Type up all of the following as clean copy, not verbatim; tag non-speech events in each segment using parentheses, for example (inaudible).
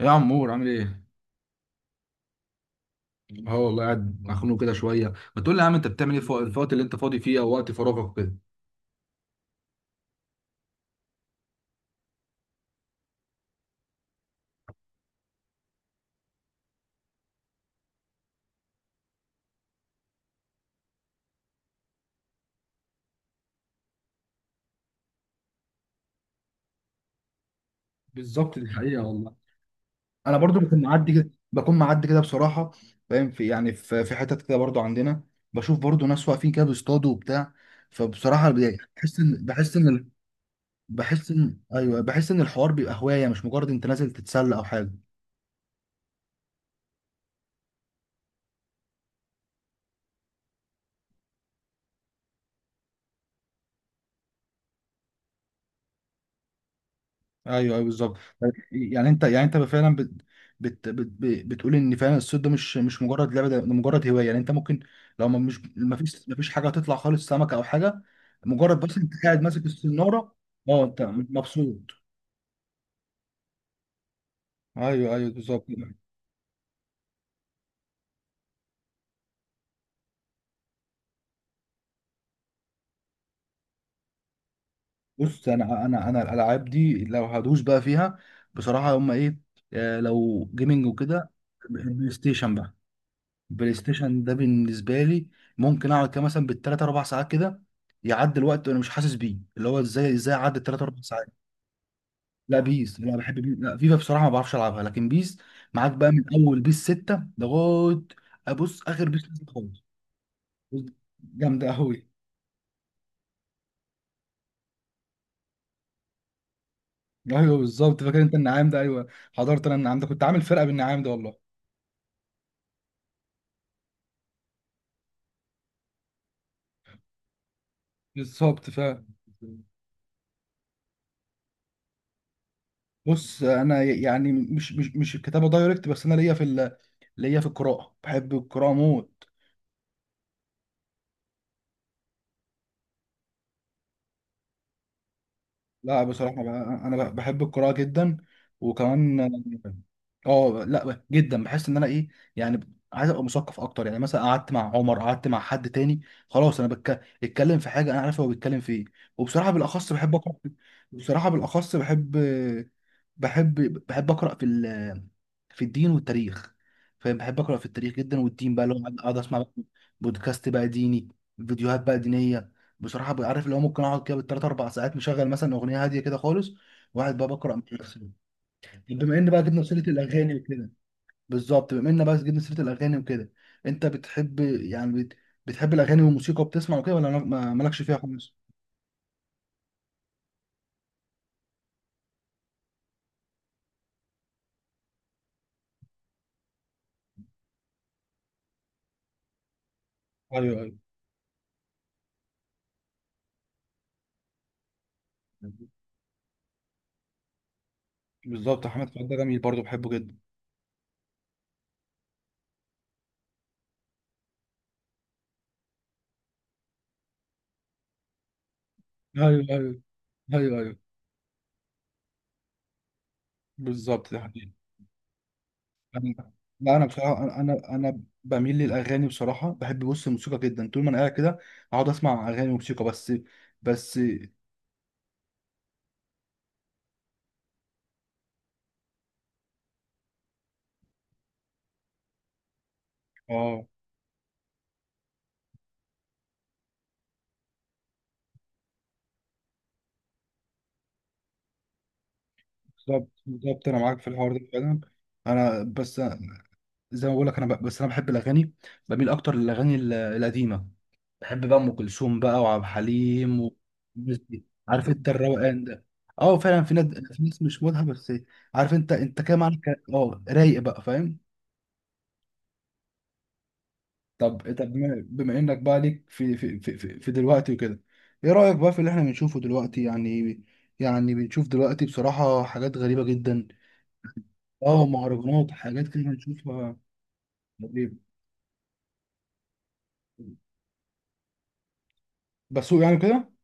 يا عمور، عامل ايه؟ اه والله، قاعد مخنوق كده شويه. ما تقول لي يا عم، انت بتعمل ايه في الوقت اللي انت فاضي فيه او وقت فراغك كده؟ بالظبط، دي حقيقة والله. انا برضو بكون معدي كده، بكون معدي كده بصراحه. فاهم، في يعني في في حتت كده برضو عندنا. بشوف برضو ناس واقفين كده بيصطادوا وبتاع. فبصراحه، بحس ان بحس ان بحس ان ايوه بحس ان الحوار بيبقى هوايه، مش مجرد انت نازل تتسلى او حاجه. ايوه، ايوه، بالظبط. يعني انت فعلا بتقول ان فعلا الصيد ده مش مجرد لعبه، ده مجرد هوايه. يعني انت ممكن لو ما مش ما فيش حاجه هتطلع خالص سمكه او حاجه، مجرد بس انت قاعد ماسك السناره. اه، انت مبسوط؟ ايوه، ايوه، بالظبط. بص، انا الالعاب دي لو هدوس بقى فيها بصراحه، هم ايه؟ لو جيمنج وكده، البلاي ستيشن بقى. بلاي ستيشن ده بالنسبه لي، ممكن اقعد كده مثلا بالثلاث اربع ساعات كده، يعدي الوقت وانا مش حاسس بيه. اللي هو ازاي عدى الثلاث اربع ساعات. لا بيس، لا بحب بيس، لا فيفا بصراحه ما بعرفش العبها، لكن بيس معاك بقى من اول بيس 6 لغايه ابص اخر بيس نزل خالص، جامده قوي. ايوه بالظبط، فاكر انت النعام ده؟ ايوه حضرت انا النعام ده، كنت عامل فرقه بالنعام ده والله. بالظبط. بص، انا يعني مش الكتابه دايركت، بس انا ليا في ال... ليا في القراءه، بحب القراءه موت. لا بصراحة بقى، أنا بحب القراءة جدا. وكمان، اه لا، جدا بحس إن أنا إيه، يعني عايز أبقى مثقف أكتر. يعني مثلا قعدت مع عمر، قعدت مع حد تاني، خلاص أنا بتكلم في حاجة أنا عارف هو بيتكلم في إيه. وبصراحة بالأخص بحب أقرأ في- بصراحة بالأخص بحب بحب أقرأ في الدين والتاريخ. فاهم؟ بحب أقرأ في التاريخ جدا، والدين بقى اللي هو أقعد أسمع بقى بودكاست بقى ديني، فيديوهات بقى دينية. بصراحه بقى، عارف اللي هو ممكن اقعد كده بالثلاث اربع ساعات مشغل مثلا اغنيه هاديه كده خالص، وقاعد بقى بقرا من نفسي. طب بما ان بقى جبنا سيره الاغاني وكده، بالظبط بما ان بقى جبنا سيره الاغاني وكده، انت بتحب يعني بتحب الاغاني والموسيقى وبتسمع وكده، ولا مالكش فيها خالص؟ ايوه، ايوه، بالظبط. احمد فؤاد ده جميل، برضه بحبه جدا. ايوه، ايوه. ايوه، ايوه، بالظبط، ده حقيقي. انا، لا، انا بصراحه، انا انا أنا بميل للاغاني بصراحه. بحب، بص، الموسيقى جدا. طول ما انا قاعد كده، اقعد اسمع اغاني وموسيقى بس، بس. اه بالظبط، بالظبط، انا معاك في الحوار ده فعلا. انا بس، زي ما بقول لك، انا بس انا بحب الاغاني، بميل اكتر للاغاني القديمه. بحب بقى ام كلثوم بقى، وعبد الحليم. والناس دي. عارف انت الروقان ده. اه فعلا، في ناس، في ناس مش مودها بس. عارف انت كده معاك. اه، رايق بقى، فاهم؟ طب، بما انك بقى ليك في دلوقتي وكده، ايه رايك بقى في اللي احنا بنشوفه دلوقتي يعني؟ يعني بنشوف دلوقتي بصراحه حاجات غريبه جدا. اه، مهرجانات، حاجات كده بنشوفها غريبة. بسوق، يعني كده.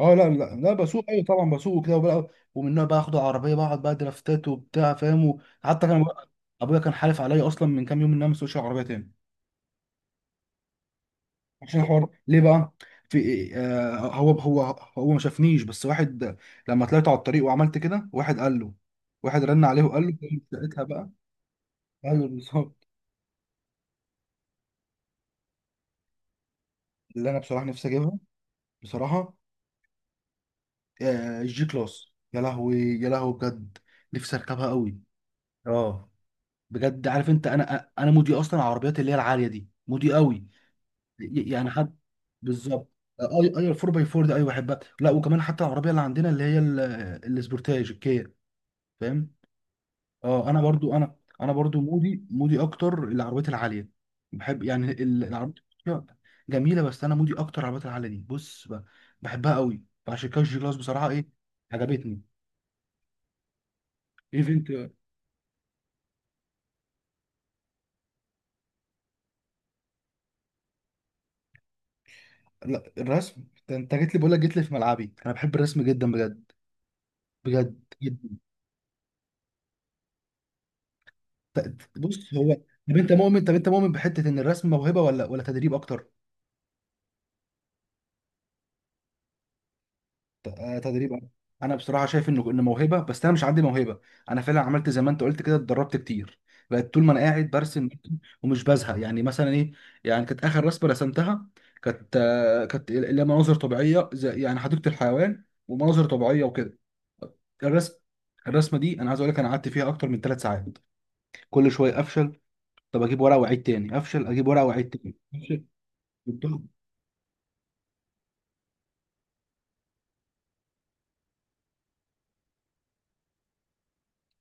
اه، لا، لا، لا، بسوق، ايوه طبعا بسوق كده، وبقى ومنها بقى اخد عربيه، بقعد بقى درافتات وبتاع. فاهم؟ حتى كان ابويا كان حالف عليا اصلا من كام يوم ان انا ما اسوقش عربيه تاني، عشان الحوار ليه بقى. في إيه؟ هو، هو ما شافنيش، بس واحد لما طلعت على الطريق وعملت كده، واحد قال له، واحد رن عليه وقال له ساعتها بقى، قال له. بالظبط. اللي انا بصراحه نفسي اجيبها بصراحه، الجي كلاس، يا لهوي، يا لهوي بجد. نفسي اركبها قوي. اه بجد، عارف انت، انا مودي اصلا العربيات اللي هي العاليه دي، مودي قوي. يعني حد، بالظبط. اي، اي الفور باي فور ده، ايوه بحبها. لا وكمان حتى العربيه اللي عندنا، اللي هي السبورتاج الكيا، فاهم؟ اه انا برضو، انا برضو مودي اكتر العربيات العاليه. بحب يعني العربيات جميله بس انا مودي اكتر العربيات العاليه دي، بص، بحبها قوي. فعشان كده الجي كلاس بصراحه، ايه، عجبتني. ايفنت، لا، الرسم. انت جيت لي، بقول لك جيت لي في ملعبي. انا بحب الرسم جدا بجد، بجد جدا. بص هو، طب انت مؤمن، بحته ان الرسم موهبه ولا تدريب اكتر؟ تدريب أكتر. انا بصراحه شايف انه موهبه، بس انا مش عندي موهبه. انا فعلا عملت زي ما انت قلت كده، اتدربت كتير. بقت طول ما انا قاعد برسم، برسم، ومش بزهق. يعني مثلا ايه، يعني كانت اخر رسمه رسمتها، كانت اللي هي مناظر طبيعيه، زي يعني حديقه الحيوان، ومناظر طبيعيه وكده. الرسم الرسمه دي، انا عايز اقول لك، انا قعدت فيها اكتر من ثلاث ساعات. كل شويه افشل، طب اجيب ورقه واعيد تاني افشل، اجيب ورقه واعيد تاني افشل. بالضبط.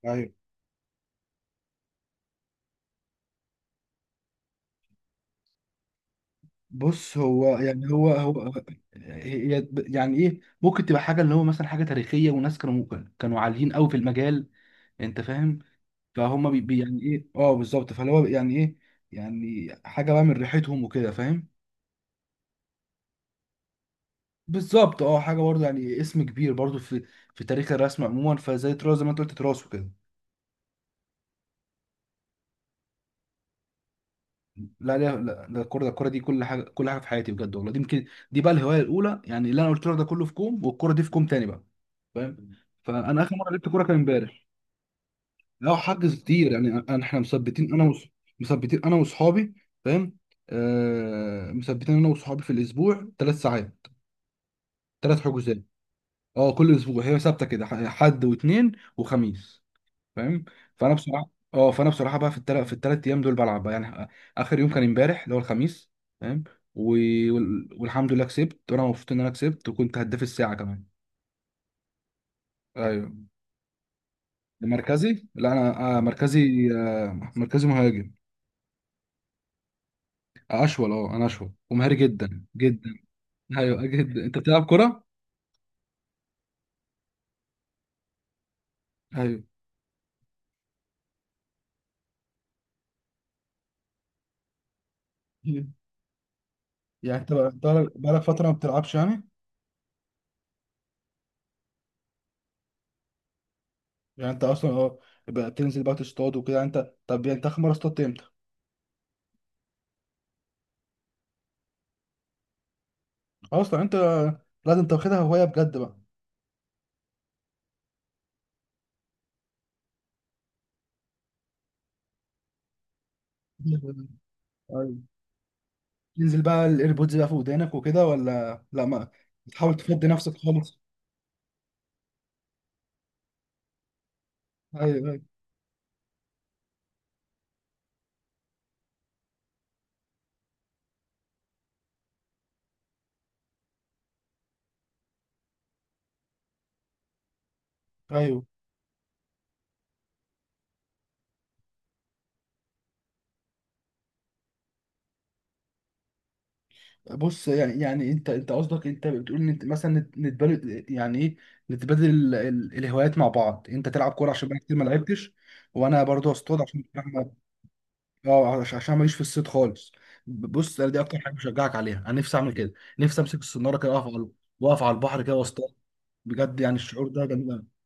ايوه، بص، هو يعني، هو هو، هي يعني ايه، ممكن تبقى حاجه اللي هو مثلا حاجه تاريخيه، وناس كانوا عاليين قوي في المجال. انت فاهم؟ فهم، يعني ايه، اه، بالظبط، فاللي هو يعني ايه، يعني حاجه بقى من ريحتهم وكده. فاهم؟ بالظبط، اه، حاجه برضه يعني اسم كبير برضه في تاريخ الرسم عموما، فزي تراث، زي ما انت قلت، تراث وكده. لا، لا، لا، ده الكوره، الكوره دي كل حاجه، في حياتي بجد والله. دي يمكن، دي بقى الهوايه الاولى يعني، اللي انا قلت لك ده كله في كوم والكوره دي في كوم تاني بقى. فاهم؟ فانا اخر مره لعبت كوره كان امبارح. لا حجز كتير يعني، احنا مثبتين، انا مثبتين انا واصحابي. فاهم؟ مثبتين انا واصحابي في الاسبوع ثلاث ساعات، ثلاث حجوزات. اه كل اسبوع هي ثابته كده، حد واثنين وخميس. فاهم؟ فانا بصراحه، بقى في الثلاث ايام دول بلعب بقى يعني. اخر يوم كان امبارح، اللي هو الخميس. فاهم؟ و... والحمد لله كسبت، وانا مبسوط ان انا كسبت، وكنت هداف الساعه كمان. ايوه. مركزي، لا انا مركزي، مهاجم. اشول، اه، انا اشول ومهاري جدا جدا. ايوه جدا. انت بتلعب كوره؟ ايوه. (laughs) يعني انت، بقالك فتره ما بتلعبش يعني؟ يعني انت اصلا، بقى بتنزل بقى تصطاد وكده. انت، طب يعني انت اخر مره اصطدت امتى؟ اصلا انت لازم تاخدها هوايه بجد بقى. أيوة. تنزل بقى الايربودز بقى في ودانك وكده ولا لا ما، بتحاول تفضي نفسك خالص؟ ايوه، ايوه، ايوه. بص يعني انت قصدك، انت بتقول ان انت مثلا نتبادل، يعني ايه، نتبادل الهوايات مع بعض. انت تلعب كوره عشان بقى كتير ما لعبتش، وانا برضه اصطاد عشان، اه، عشان ماليش في الصيد خالص. بص، انا دي اكتر حاجه بشجعك عليها، انا نفسي اعمل كده. نفسي امسك الصناره كده، واقف على البحر كده واصطاد. بجد يعني الشعور ده جميل أوي.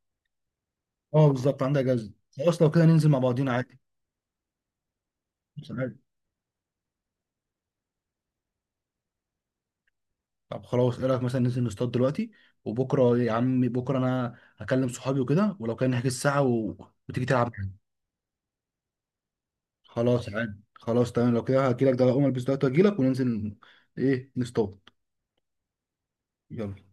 اه بالظبط، عندها جزء. خلاص لو كده ننزل مع بعضينا، عادي، مش عادي. طب خلاص، ايه رايك مثلا ننزل نصطاد دلوقتي؟ وبكره يا عمي، بكره انا هكلم صحابي وكده، ولو كان نحجز الساعه وتيجي تلعب معايا. خلاص عادي، خلاص تمام. لو كده هجيلك ده، اقوم البس دلوقتي واجيلك وننزل، ايه، نصطاد. يلا.